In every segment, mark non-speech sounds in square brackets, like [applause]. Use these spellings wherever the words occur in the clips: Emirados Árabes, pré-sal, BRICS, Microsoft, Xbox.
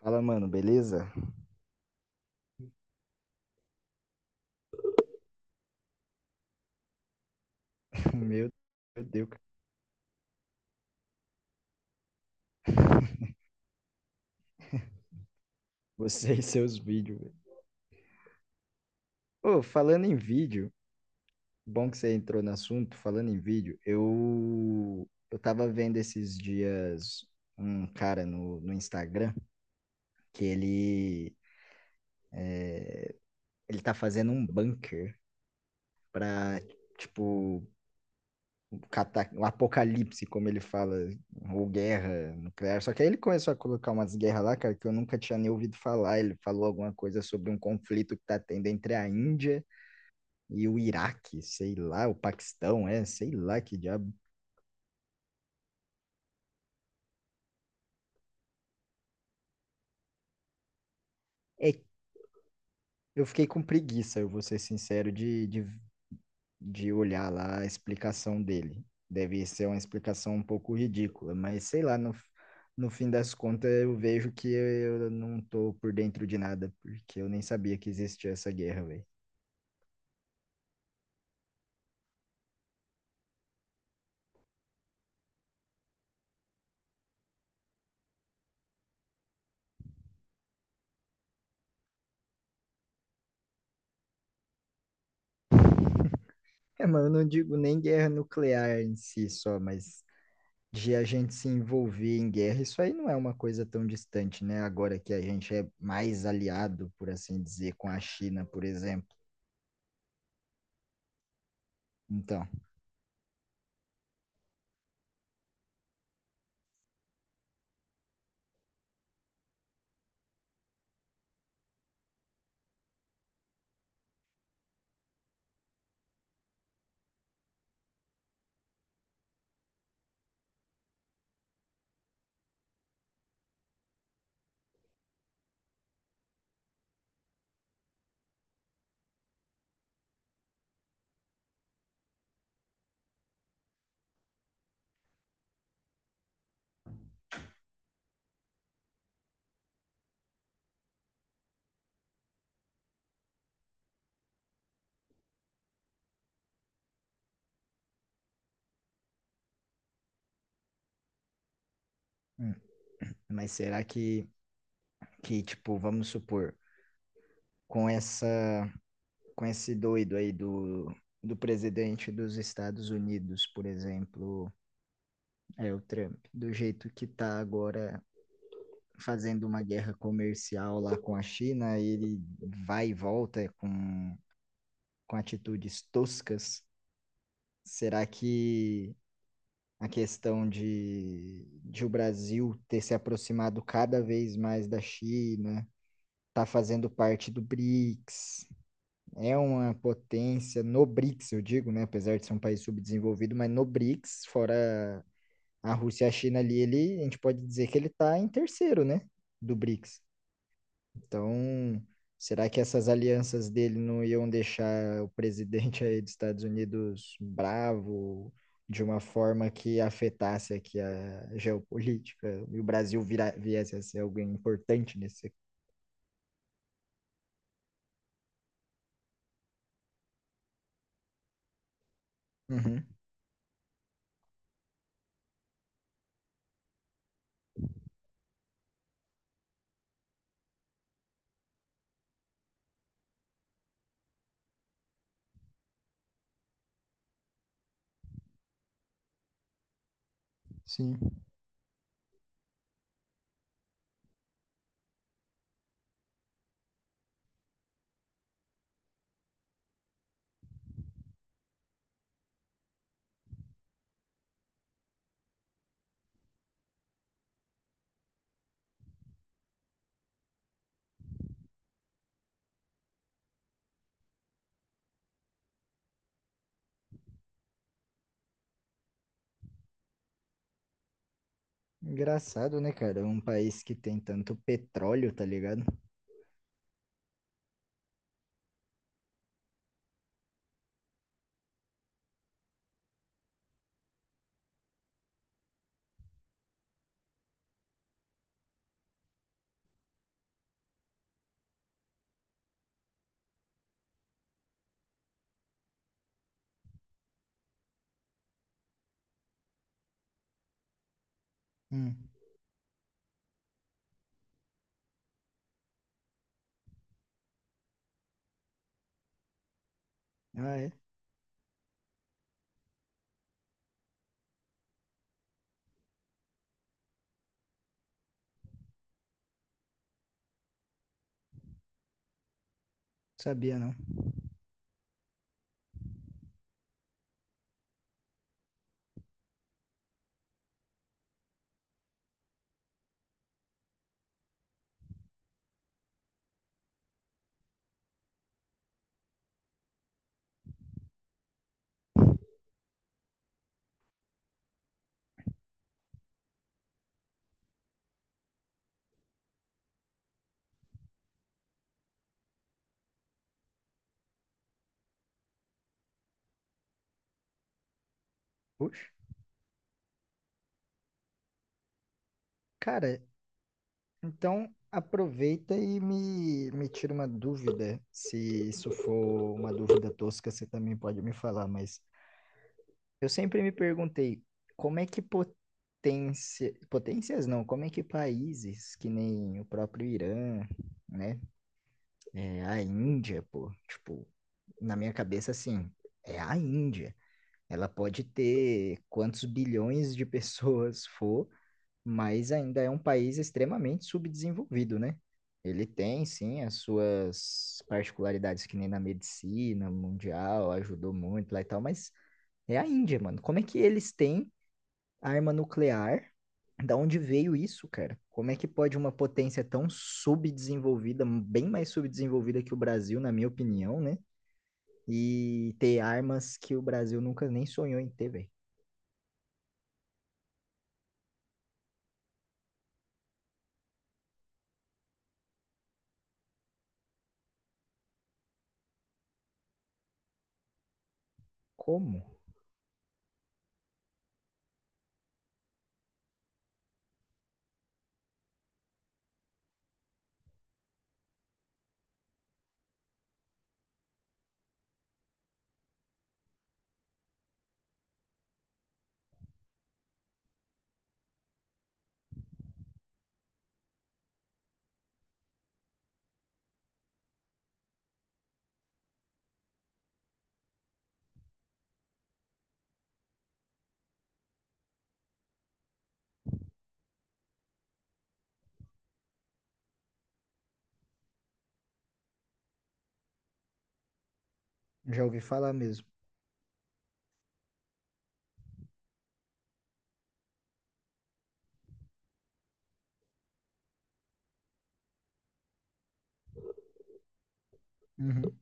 Fala, mano, beleza? [laughs] Meu, meu Deus, cara. Você e seus vídeos, velho. Ô, falando em vídeo, bom que você entrou no assunto, falando em vídeo, eu tava vendo esses dias um cara no Instagram que ele tá fazendo um bunker pra, tipo, o apocalipse, como ele fala, ou guerra nuclear. Só que aí ele começou a colocar umas guerras lá, cara, que eu nunca tinha nem ouvido falar. Ele falou alguma coisa sobre um conflito que tá tendo entre a Índia e o Iraque, sei lá, o Paquistão, é, sei lá que diabo. É, eu fiquei com preguiça, eu vou ser sincero, de olhar lá a explicação dele. Deve ser uma explicação um pouco ridícula, mas sei lá, no fim das contas eu vejo que eu não tô por dentro de nada, porque eu nem sabia que existia essa guerra, velho. É, mas eu não digo nem guerra nuclear em si só, mas de a gente se envolver em guerra, isso aí não é uma coisa tão distante, né? Agora que a gente é mais aliado, por assim dizer, com a China, por exemplo. Então, hum, mas será que tipo, vamos supor, com essa, com esse doido aí do, do presidente dos Estados Unidos, por exemplo, é o Trump, do jeito que tá agora fazendo uma guerra comercial lá com a China, ele vai e volta com atitudes toscas. Será que a questão de o Brasil ter se aproximado cada vez mais da China, tá fazendo parte do BRICS, é uma potência no BRICS, eu digo, né? Apesar de ser um país subdesenvolvido, mas no BRICS, fora a Rússia e a China ali, ele, a gente pode dizer que ele está em terceiro, né? Do BRICS. Então, será que essas alianças dele não iam deixar o presidente aí dos Estados Unidos bravo de uma forma que afetasse aqui a geopolítica e o Brasil vira, viesse a ser alguém importante nesse? Uhum, sim. Engraçado, né, cara? Um país que tem tanto petróleo, tá ligado? Hum. Ah, é? Sabia não. Puxa. Cara, então, aproveita e me tira uma dúvida. Se isso for uma dúvida tosca, você também pode me falar, mas eu sempre me perguntei como é que potência, potências não, como é que países que nem o próprio Irã, né? É, a Índia, pô, tipo, na minha cabeça, assim, é a Índia. Ela pode ter quantos bilhões de pessoas for, mas ainda é um país extremamente subdesenvolvido, né? Ele tem, sim, as suas particularidades, que nem na medicina mundial, ajudou muito lá e tal, mas é a Índia, mano. Como é que eles têm arma nuclear? Da onde veio isso, cara? Como é que pode uma potência tão subdesenvolvida, bem mais subdesenvolvida que o Brasil, na minha opinião, né? E ter armas que o Brasil nunca nem sonhou em ter, velho? Como? Já ouvi falar mesmo. Uhum.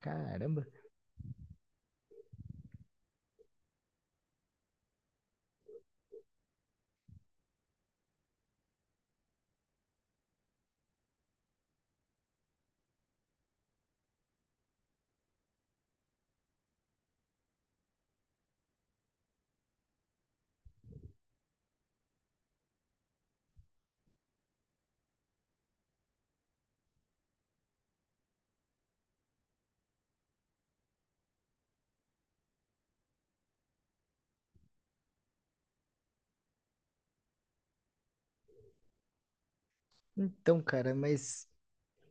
Caramba. Então, cara, mas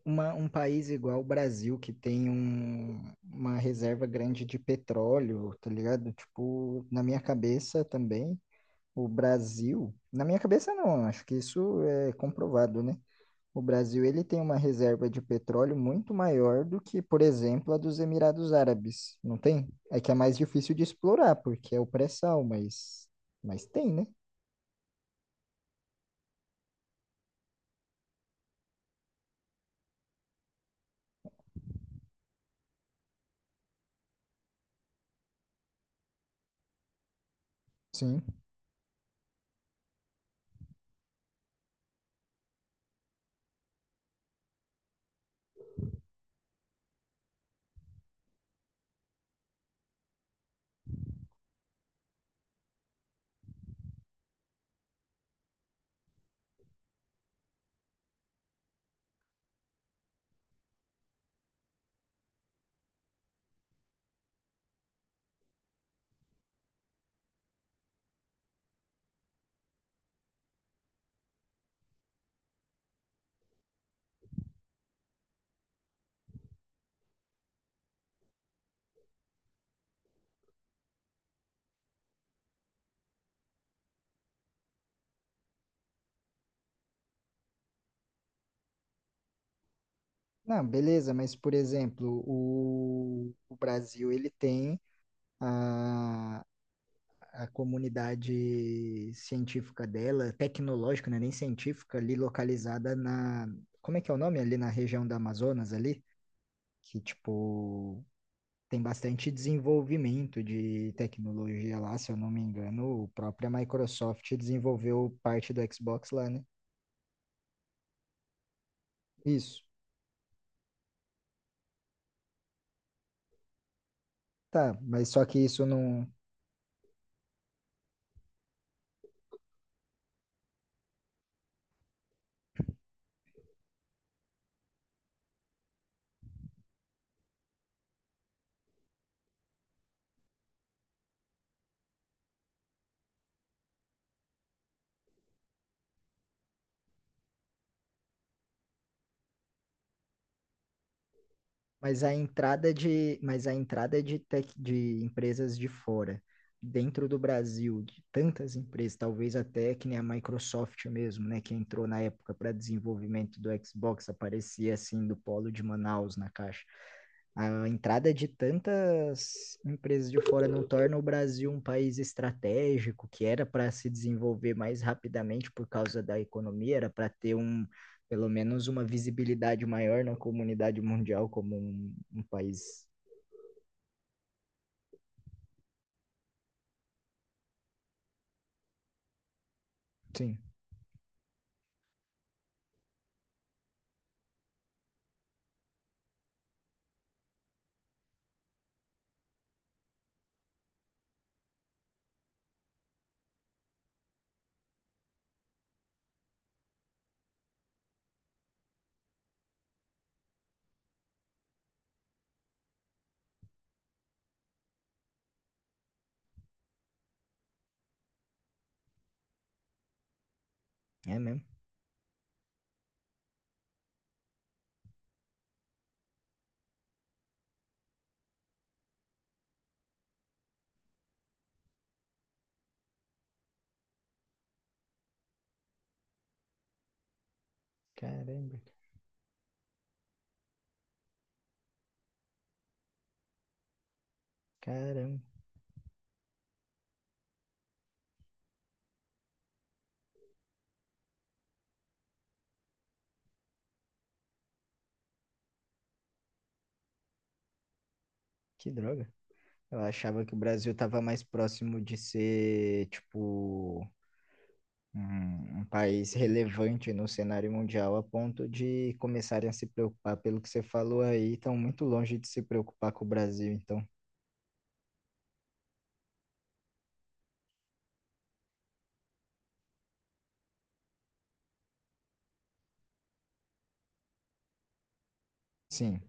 um país igual o Brasil, que tem uma reserva grande de petróleo, tá ligado? Tipo, na minha cabeça também, o Brasil, na minha cabeça não, acho que isso é comprovado, né? O Brasil, ele tem uma reserva de petróleo muito maior do que, por exemplo, a dos Emirados Árabes, não tem? É que é mais difícil de explorar, porque é o pré-sal, mas tem, né? Sim. Não, beleza, mas por exemplo, o Brasil ele tem a, a comunidade científica dela, tecnológica, né, nem científica, ali localizada na, como é que é o nome? Ali na região da Amazonas ali, que tipo tem bastante desenvolvimento de tecnologia lá, se eu não me engano, a própria Microsoft desenvolveu parte do Xbox lá, né? Isso. Tá, mas só que isso não. Mas a entrada de, mas a entrada de tech, de empresas de fora, dentro do Brasil, de tantas empresas, talvez até que nem a Microsoft mesmo, né, que entrou na época para desenvolvimento do Xbox, aparecia assim do polo de Manaus na caixa. A entrada de tantas empresas de fora não torna o Brasil um país estratégico, que era para se desenvolver mais rapidamente por causa da economia, era para ter um, pelo menos uma visibilidade maior na comunidade mundial como um país. Sim, é mesmo. Caramba, caramba, que droga. Eu achava que o Brasil estava mais próximo de ser, tipo, um país relevante no cenário mundial a ponto de começarem a se preocupar pelo que você falou aí, estão muito longe de se preocupar com o Brasil, então, sim,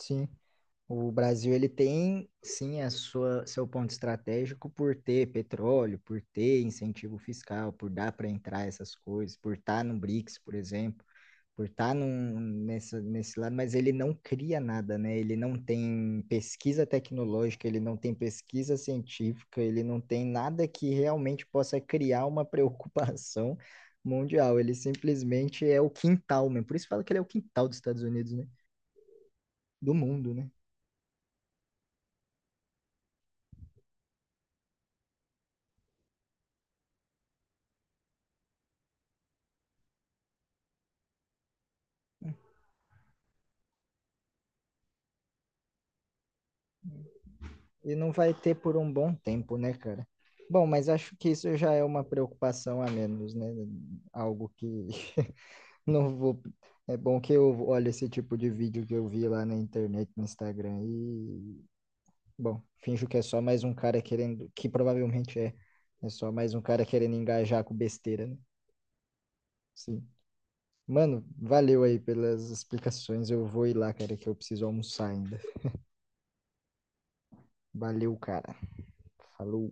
sim, o Brasil ele tem sim a sua seu ponto estratégico por ter petróleo, por ter incentivo fiscal, por dar para entrar essas coisas, por estar no BRICS, por exemplo, por estar num, nessa, nesse lado, mas ele não cria nada, né? Ele não tem pesquisa tecnológica, ele não tem pesquisa científica, ele não tem nada que realmente possa criar uma preocupação mundial. Ele simplesmente é o quintal, né? Por isso fala que ele é o quintal dos Estados Unidos, né? Do mundo, né? E não vai ter por um bom tempo, né, cara? Bom, mas acho que isso já é uma preocupação a menos, né? Algo que [laughs] não vou. É bom que eu olho esse tipo de vídeo que eu vi lá na internet, no Instagram, e, bom, finjo que é só mais um cara querendo, que provavelmente é, é só mais um cara querendo engajar com besteira, né? Sim. Mano, valeu aí pelas explicações. Eu vou ir lá, cara, que eu preciso almoçar ainda. Valeu, cara. Falou.